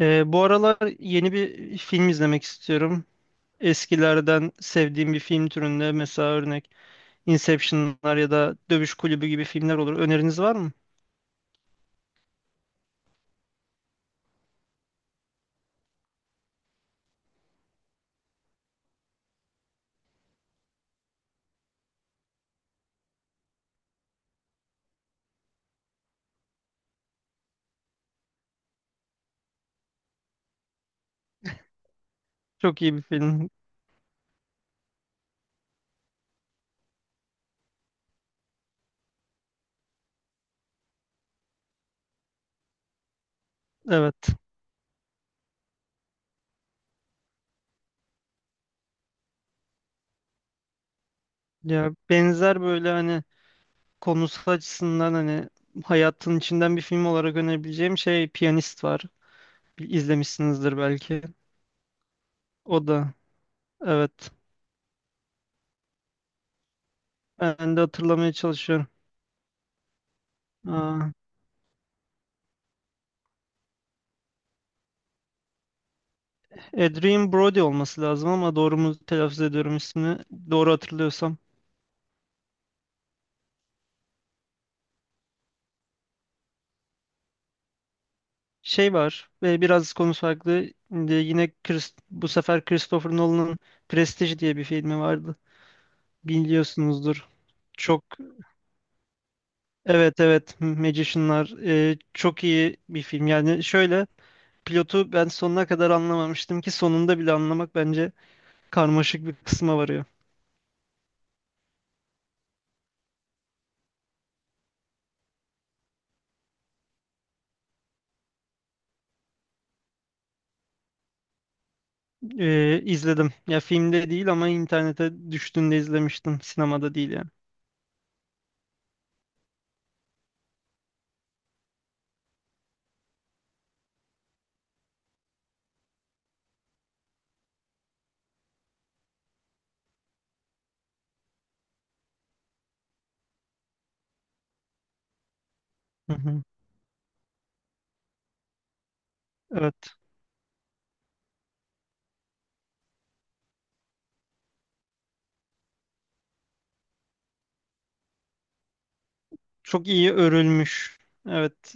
Bu aralar yeni bir film izlemek istiyorum. Eskilerden sevdiğim bir film türünde, mesela örnek, Inception'lar ya da Dövüş Kulübü gibi filmler olur. Öneriniz var mı? Çok iyi bir film. Evet. Ya benzer, böyle hani konusu açısından, hani hayatın içinden bir film olarak önerebileceğim şey, Piyanist var. Bir İzlemişsinizdir belki. O da evet. Ben de hatırlamaya çalışıyorum. Aa, Adrien Brody olması lazım, ama doğru mu telaffuz ediyorum ismini? Doğru hatırlıyorsam. Şey var ve biraz konu farklı. Şimdi yine bu sefer Christopher Nolan'ın Prestige diye bir filmi vardı. Biliyorsunuzdur. Çok evet, evet Magician'lar, çok iyi bir film. Yani şöyle, pilotu ben sonuna kadar anlamamıştım, ki sonunda bile anlamak bence karmaşık bir kısma varıyor. E, izledim. Ya filmde değil ama internete düştüğünde izlemiştim. Sinemada değil yani. Hı hı. Evet. Çok iyi örülmüş. Evet.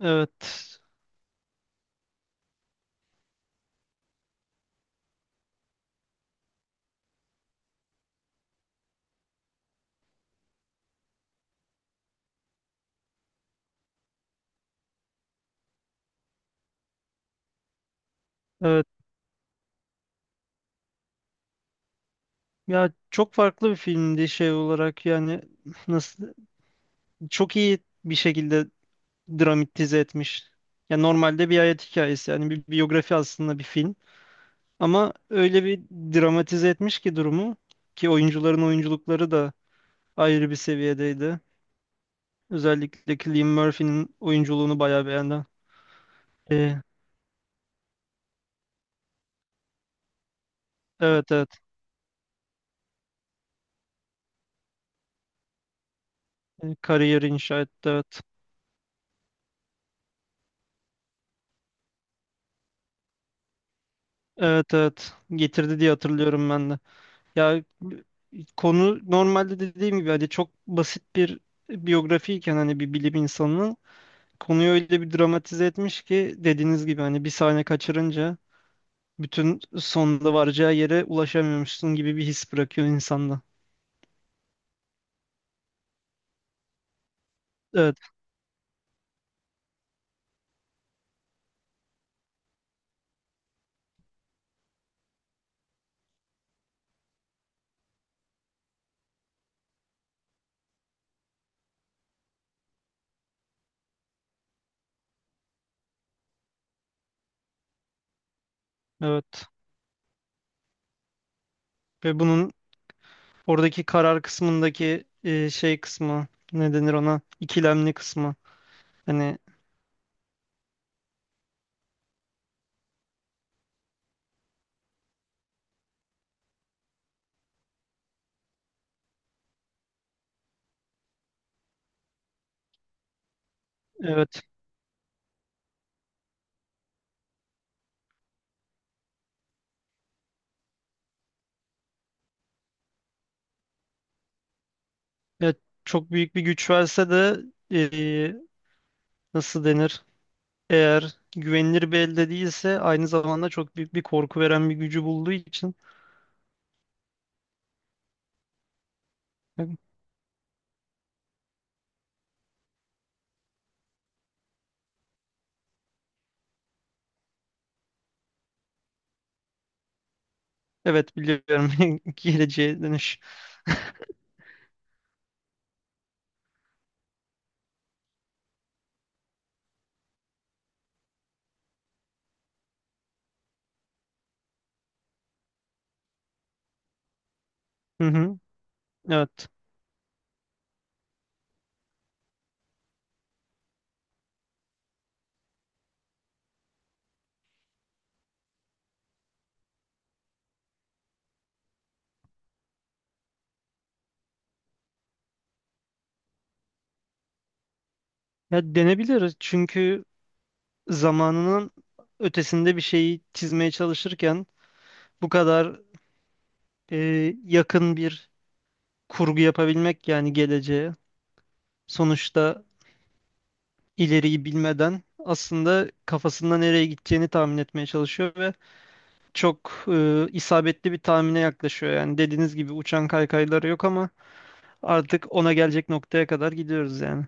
Evet. Evet. Ya çok farklı bir filmdi şey olarak, yani nasıl çok iyi bir şekilde dramatize etmiş. Ya normalde bir hayat hikayesi, yani bir biyografi aslında bir film, ama öyle bir dramatize etmiş ki durumu, ki oyuncuların oyunculukları da ayrı bir seviyedeydi. Özellikle Cillian Murphy'nin oyunculuğunu bayağı beğendim. Ee, evet, evet, kariyer inşa etti, evet. Evet, evet, getirdi diye hatırlıyorum ben de. Ya konu normalde dediğim gibi hani çok basit bir biyografiyken, hani bir bilim insanının, konuyu öyle bir dramatize etmiş ki, dediğiniz gibi hani bir sahne kaçırınca bütün sonunda varacağı yere ulaşamıyormuşsun gibi bir his bırakıyor insanda. Evet, evet. Ve bunun oradaki karar kısmındaki şey kısmı, ne denir ona? İkilemli kısmı. Hani evet, evet, çok büyük bir güç verse de, e, nasıl denir? Eğer güvenilir bir elde değilse, aynı zamanda çok büyük bir korku veren bir gücü bulduğu için evet, biliyorum, geleceğe dönüş. Hı hı, evet. Ya denebilir, çünkü zamanının ötesinde bir şeyi çizmeye çalışırken bu kadar e, yakın bir kurgu yapabilmek, yani geleceğe, sonuçta ileriyi bilmeden aslında kafasında nereye gideceğini tahmin etmeye çalışıyor ve çok isabetli bir tahmine yaklaşıyor. Yani dediğiniz gibi uçan kaykayları yok, ama artık ona gelecek noktaya kadar gidiyoruz yani.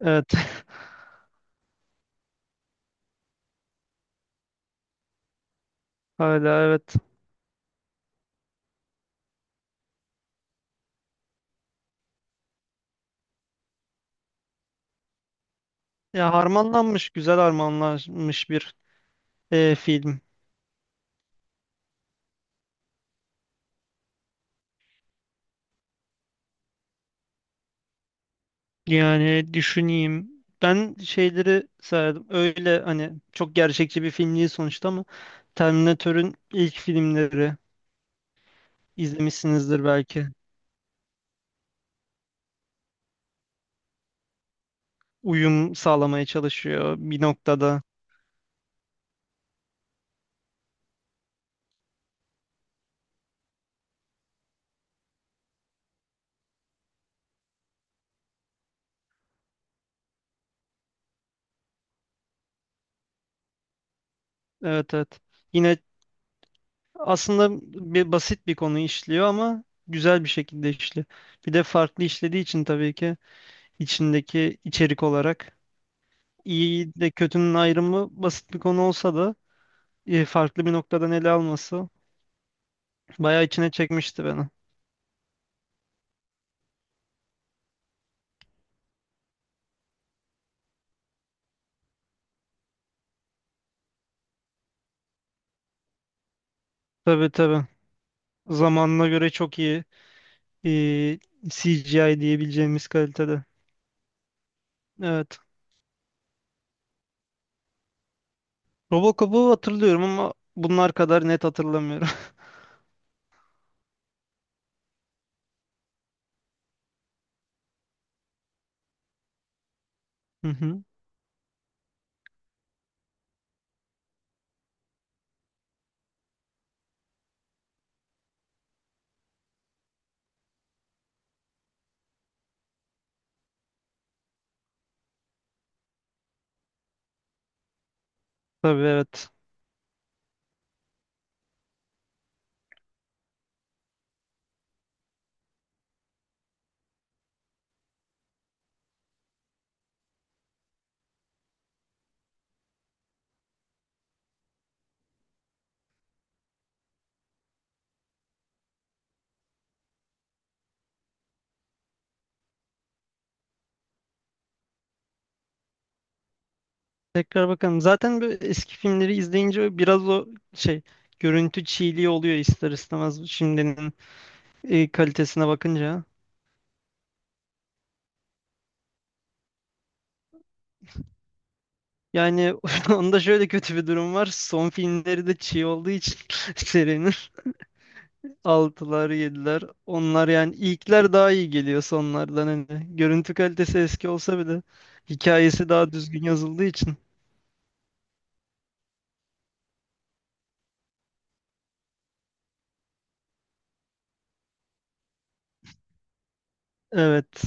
Evet. Hala evet. Ya harmanlanmış, güzel harmanlanmış bir film. Yani düşüneyim. Ben şeyleri sayardım. Öyle hani çok gerçekçi bir film değil sonuçta, ama Terminator'ün ilk filmleri izlemişsinizdir belki. Uyum sağlamaya çalışıyor bir noktada. Evet, evet. Yine aslında bir basit bir konu işliyor, ama güzel bir şekilde işliyor. Bir de farklı işlediği için tabii ki içindeki içerik olarak, iyi de kötünün ayrımı basit bir konu olsa da farklı bir noktadan ele alması bayağı içine çekmişti beni. Tabii, tabii. Zamanına göre çok iyi e, CGI diyebileceğimiz kalitede. Evet. Robocop'u hatırlıyorum ama bunlar kadar net hatırlamıyorum. Hı hı. Tabii, evet. Tekrar bakalım. Zaten böyle eski filmleri izleyince biraz o şey, görüntü çiğliği oluyor ister istemez, şimdinin kalitesine bakınca. Yani onda şöyle kötü bir durum var. Son filmleri de çiğ olduğu için, serinin altılar, yediler, onlar, yani ilkler daha iyi geliyor sonlardan hani. Görüntü kalitesi eski olsa bile hikayesi daha düzgün yazıldığı için. Evet.